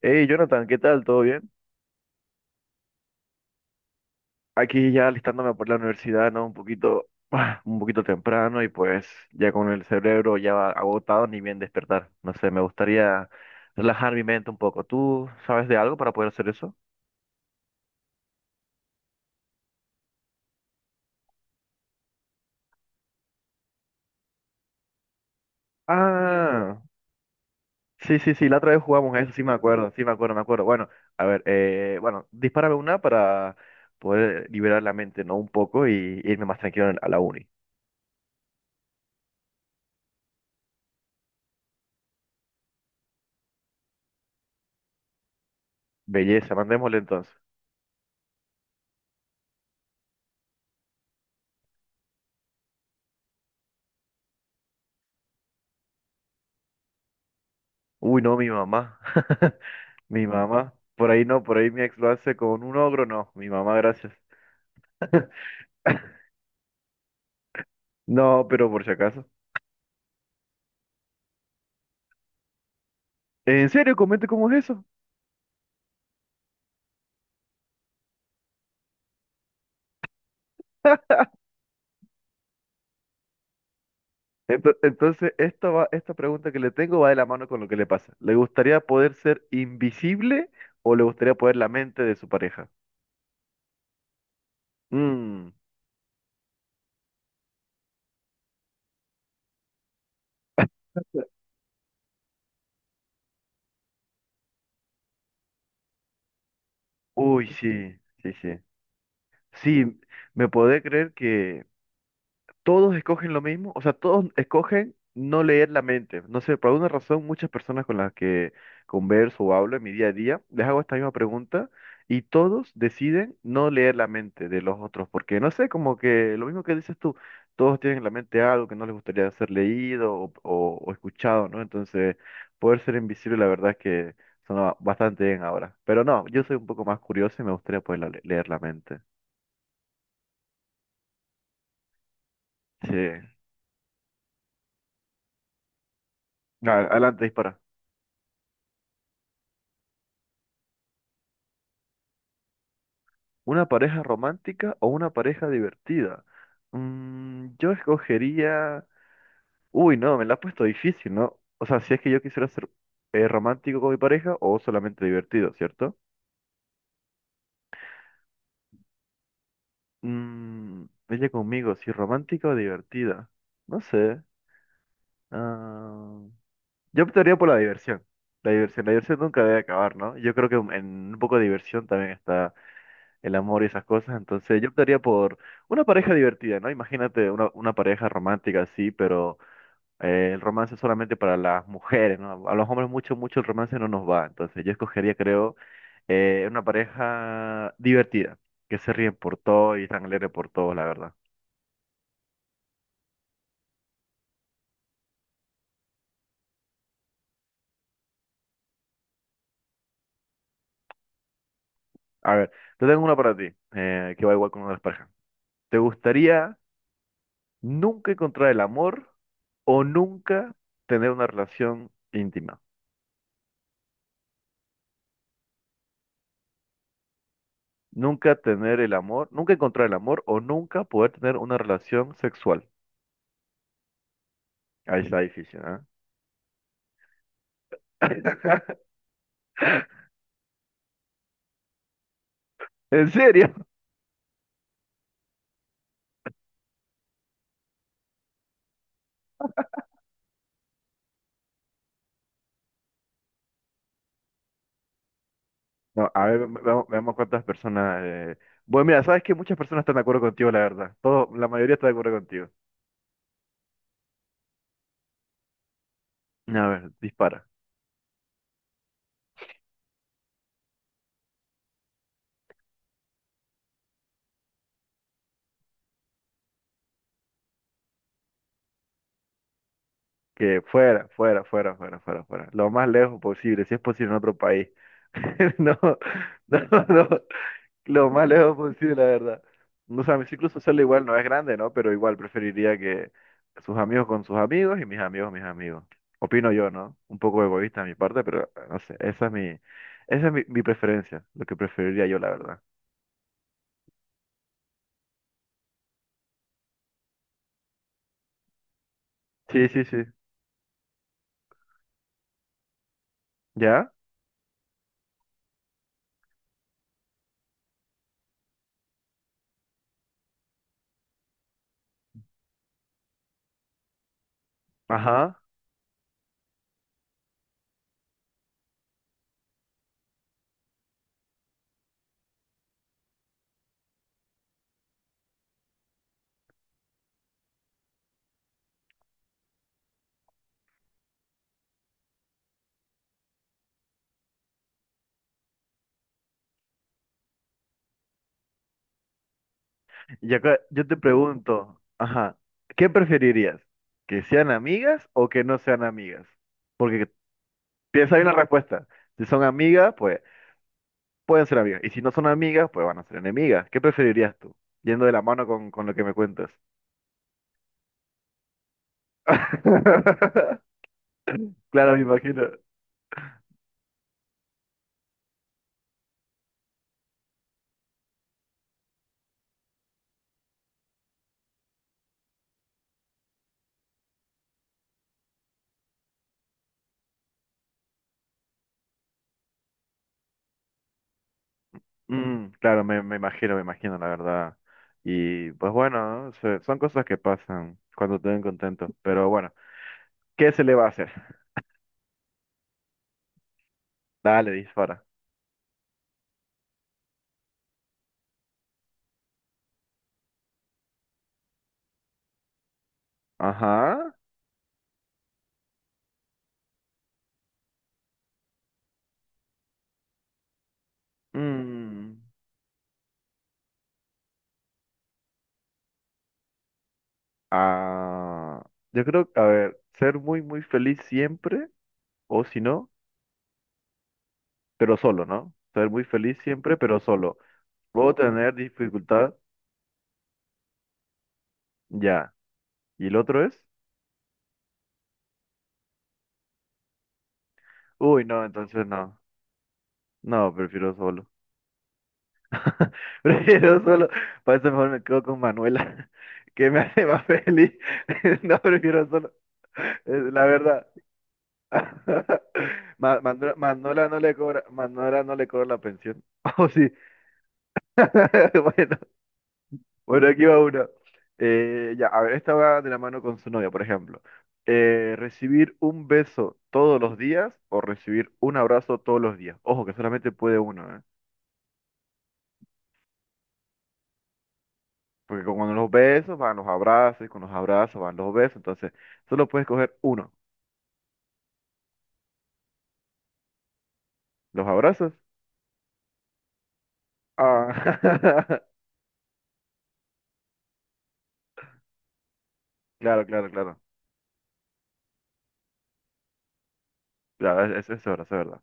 Hey Jonathan, ¿qué tal? ¿Todo bien? Aquí ya alistándome por la universidad, ¿no? Un poquito, un poquito temprano y pues ya con el cerebro ya agotado ni bien despertar. No sé, me gustaría relajar mi mente un poco. ¿Tú sabes de algo para poder hacer eso? Ah, sí, sí, sí, la otra vez jugamos a eso, sí me acuerdo, me acuerdo. Bueno, a ver, bueno, dispárame una para poder liberar la mente, ¿no? Un poco y irme más tranquilo a la uni. Belleza, mandémosle entonces. Uy, no, mi mamá. Mi mamá, por ahí no, por ahí mi ex lo hace con un ogro, no, mi mamá, gracias. No, pero por si acaso. ¿En serio? Comente cómo es eso. Entonces, esta pregunta que le tengo va de la mano con lo que le pasa. ¿Le gustaría poder ser invisible o le gustaría poder la mente de su pareja? Mm. Uy, sí, sí, sí. Sí, me podés creer que todos escogen lo mismo, o sea, todos escogen no leer la mente. No sé, por alguna razón muchas personas con las que converso o hablo en mi día a día, les hago esta misma pregunta y todos deciden no leer la mente de los otros, porque no sé, como que lo mismo que dices tú, todos tienen en la mente algo que no les gustaría ser leído o escuchado, ¿no? Entonces, poder ser invisible, la verdad es que suena bastante bien ahora. Pero no, yo soy un poco más curioso y me gustaría poder leer la mente. Sí. Adelante, dispara. ¿Una pareja romántica o una pareja divertida? Mm, yo escogería... Uy, no, me la has puesto difícil, ¿no? O sea, si es que yo quisiera ser romántico con mi pareja o solamente divertido, ¿cierto? Mm, ella conmigo, si romántica o divertida. No sé. ah, Yo optaría por la diversión. La diversión, la diversión nunca debe acabar, ¿no? Yo creo que en un poco de diversión también está el amor y esas cosas. Entonces yo optaría por una pareja divertida, ¿no? Imagínate una pareja romántica así, pero el romance es solamente para las mujeres, ¿no? A los hombres mucho, mucho el romance no nos va. Entonces yo escogería, creo, una pareja divertida, que se ríen por todo y están alegres por todo, la verdad. A ver, te tengo una para ti, que va igual con una de las parejas. ¿Te gustaría nunca encontrar el amor o nunca tener una relación íntima? Nunca tener el amor, nunca encontrar el amor o nunca poder tener una relación sexual. Ahí está difícil, ¿ah? ¿En serio? No, a ver, veamos, veamos cuántas personas. Bueno, mira, sabes que muchas personas están de acuerdo contigo, la verdad. Todo, la mayoría está de acuerdo contigo. A ver, dispara. Que fuera, fuera, fuera, fuera, fuera, fuera. Lo más lejos posible, si es posible en otro país. No, no, no. Lo más lejos posible, la verdad. No, o sea, mi círculo social igual no es grande, ¿no? Pero igual preferiría que sus amigos con sus amigos y mis amigos mis amigos. Opino yo, ¿no? Un poco egoísta de mi parte, pero no sé, esa es mi preferencia, lo que preferiría yo, la verdad. Sí, sí, sí. ¿Ya? Ajá. Y acá yo te pregunto, ajá, ¿qué preferirías? ¿Que sean amigas o que no sean amigas? Porque piensa bien la respuesta. Si son amigas, pues pueden ser amigas. Y si no son amigas, pues van a ser enemigas. ¿Qué preferirías tú? Yendo de la mano con lo que me cuentas. Claro, me imagino. Mm, claro, me imagino, la verdad. Y pues bueno, ¿no? Son cosas que pasan cuando te ven contento. Pero bueno, ¿qué se le va a hacer? Dale, dispara. Ajá. Mm, ah, yo creo, a ver, ser muy, muy feliz siempre, o si no, pero solo, ¿no? Ser muy feliz siempre, pero solo. Puedo tener dificultades. Ya. ¿Y el otro es? Uy, no, entonces no. No, prefiero solo. Prefiero solo. Para eso mejor me quedo con Manuela, que me hace más feliz. No, prefiero solo. Es la verdad. Manuela, Manuela no le cobra, Manuela no le cobra la pensión. Oh, sí. Bueno. Bueno, aquí va una. Ya, a ver, esta va de la mano con su novia, por ejemplo. ¿Recibir un beso todos los días o recibir un abrazo todos los días? Ojo, que solamente puede uno, ¿eh? Porque con los besos van los abrazos, y con los abrazos van los besos, entonces solo puedes coger uno. ¿Los abrazos? Ah, claro, claro, claro. Claro, es verdad, es verdad.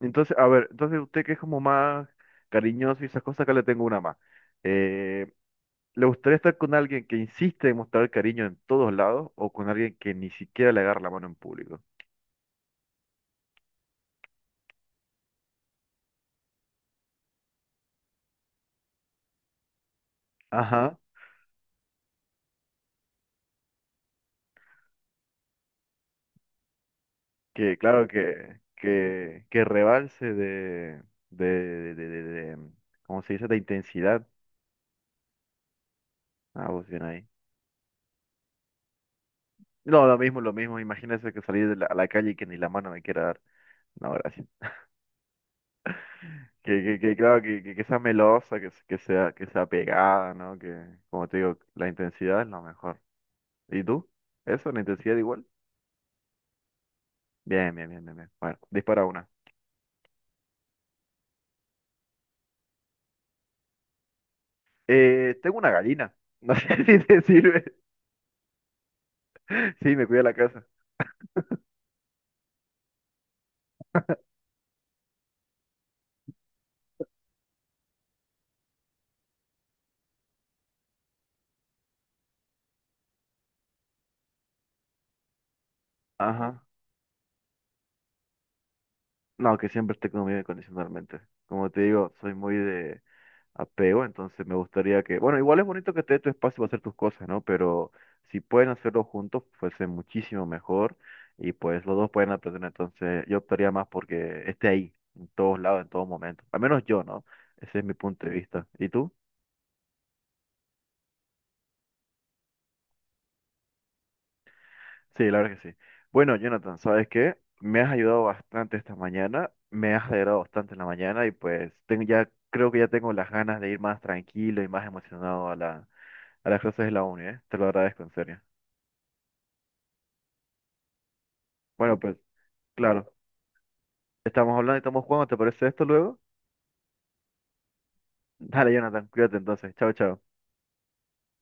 Entonces, a ver, entonces usted que es como más cariñoso y esas cosas, acá le tengo una más. Eh, ¿Le gustaría estar con alguien que insiste en mostrar cariño en todos lados o con alguien que ni siquiera le agarra la mano en público? Ajá, que claro que rebalse de, de, de, de- de- ¿cómo se dice? De intensidad. Ah, vos bien ahí. No, lo mismo, lo mismo. Imagínese que salir de a la calle y que ni la mano me quiera dar. No, gracias. Que claro, que sea melosa, que sea pegada, ¿no? Que, como te digo, la intensidad es lo mejor. ¿Y tú? ¿Eso? ¿La intensidad igual? Bien, bien, bien, bien, bien. Bueno, dispara una. Tengo una gallina. No sé si te sirve. Sí, me cuida la casa. Ajá. No, que siempre esté conmigo incondicionalmente. Como te digo, soy muy de apego, entonces me gustaría que... Bueno, igual es bonito que te dé tu espacio para hacer tus cosas, ¿no? Pero si pueden hacerlo juntos, fuese muchísimo mejor. Y pues los dos pueden aprender. Entonces yo optaría más porque esté ahí, en todos lados, en todo momento. Al menos yo, ¿no? Ese es mi punto de vista. ¿Y tú? Sí, la verdad que sí. Bueno, Jonathan, ¿sabes qué? Me has ayudado bastante esta mañana, me has alegrado bastante en la mañana y pues tengo ya, creo que ya tengo las ganas de ir más tranquilo y más emocionado a a las clases de la uni, ¿eh? Te lo agradezco en serio. Bueno, pues claro, estamos hablando y estamos jugando, ¿te parece esto luego? Dale, Jonathan, cuídate entonces. Chao, chao.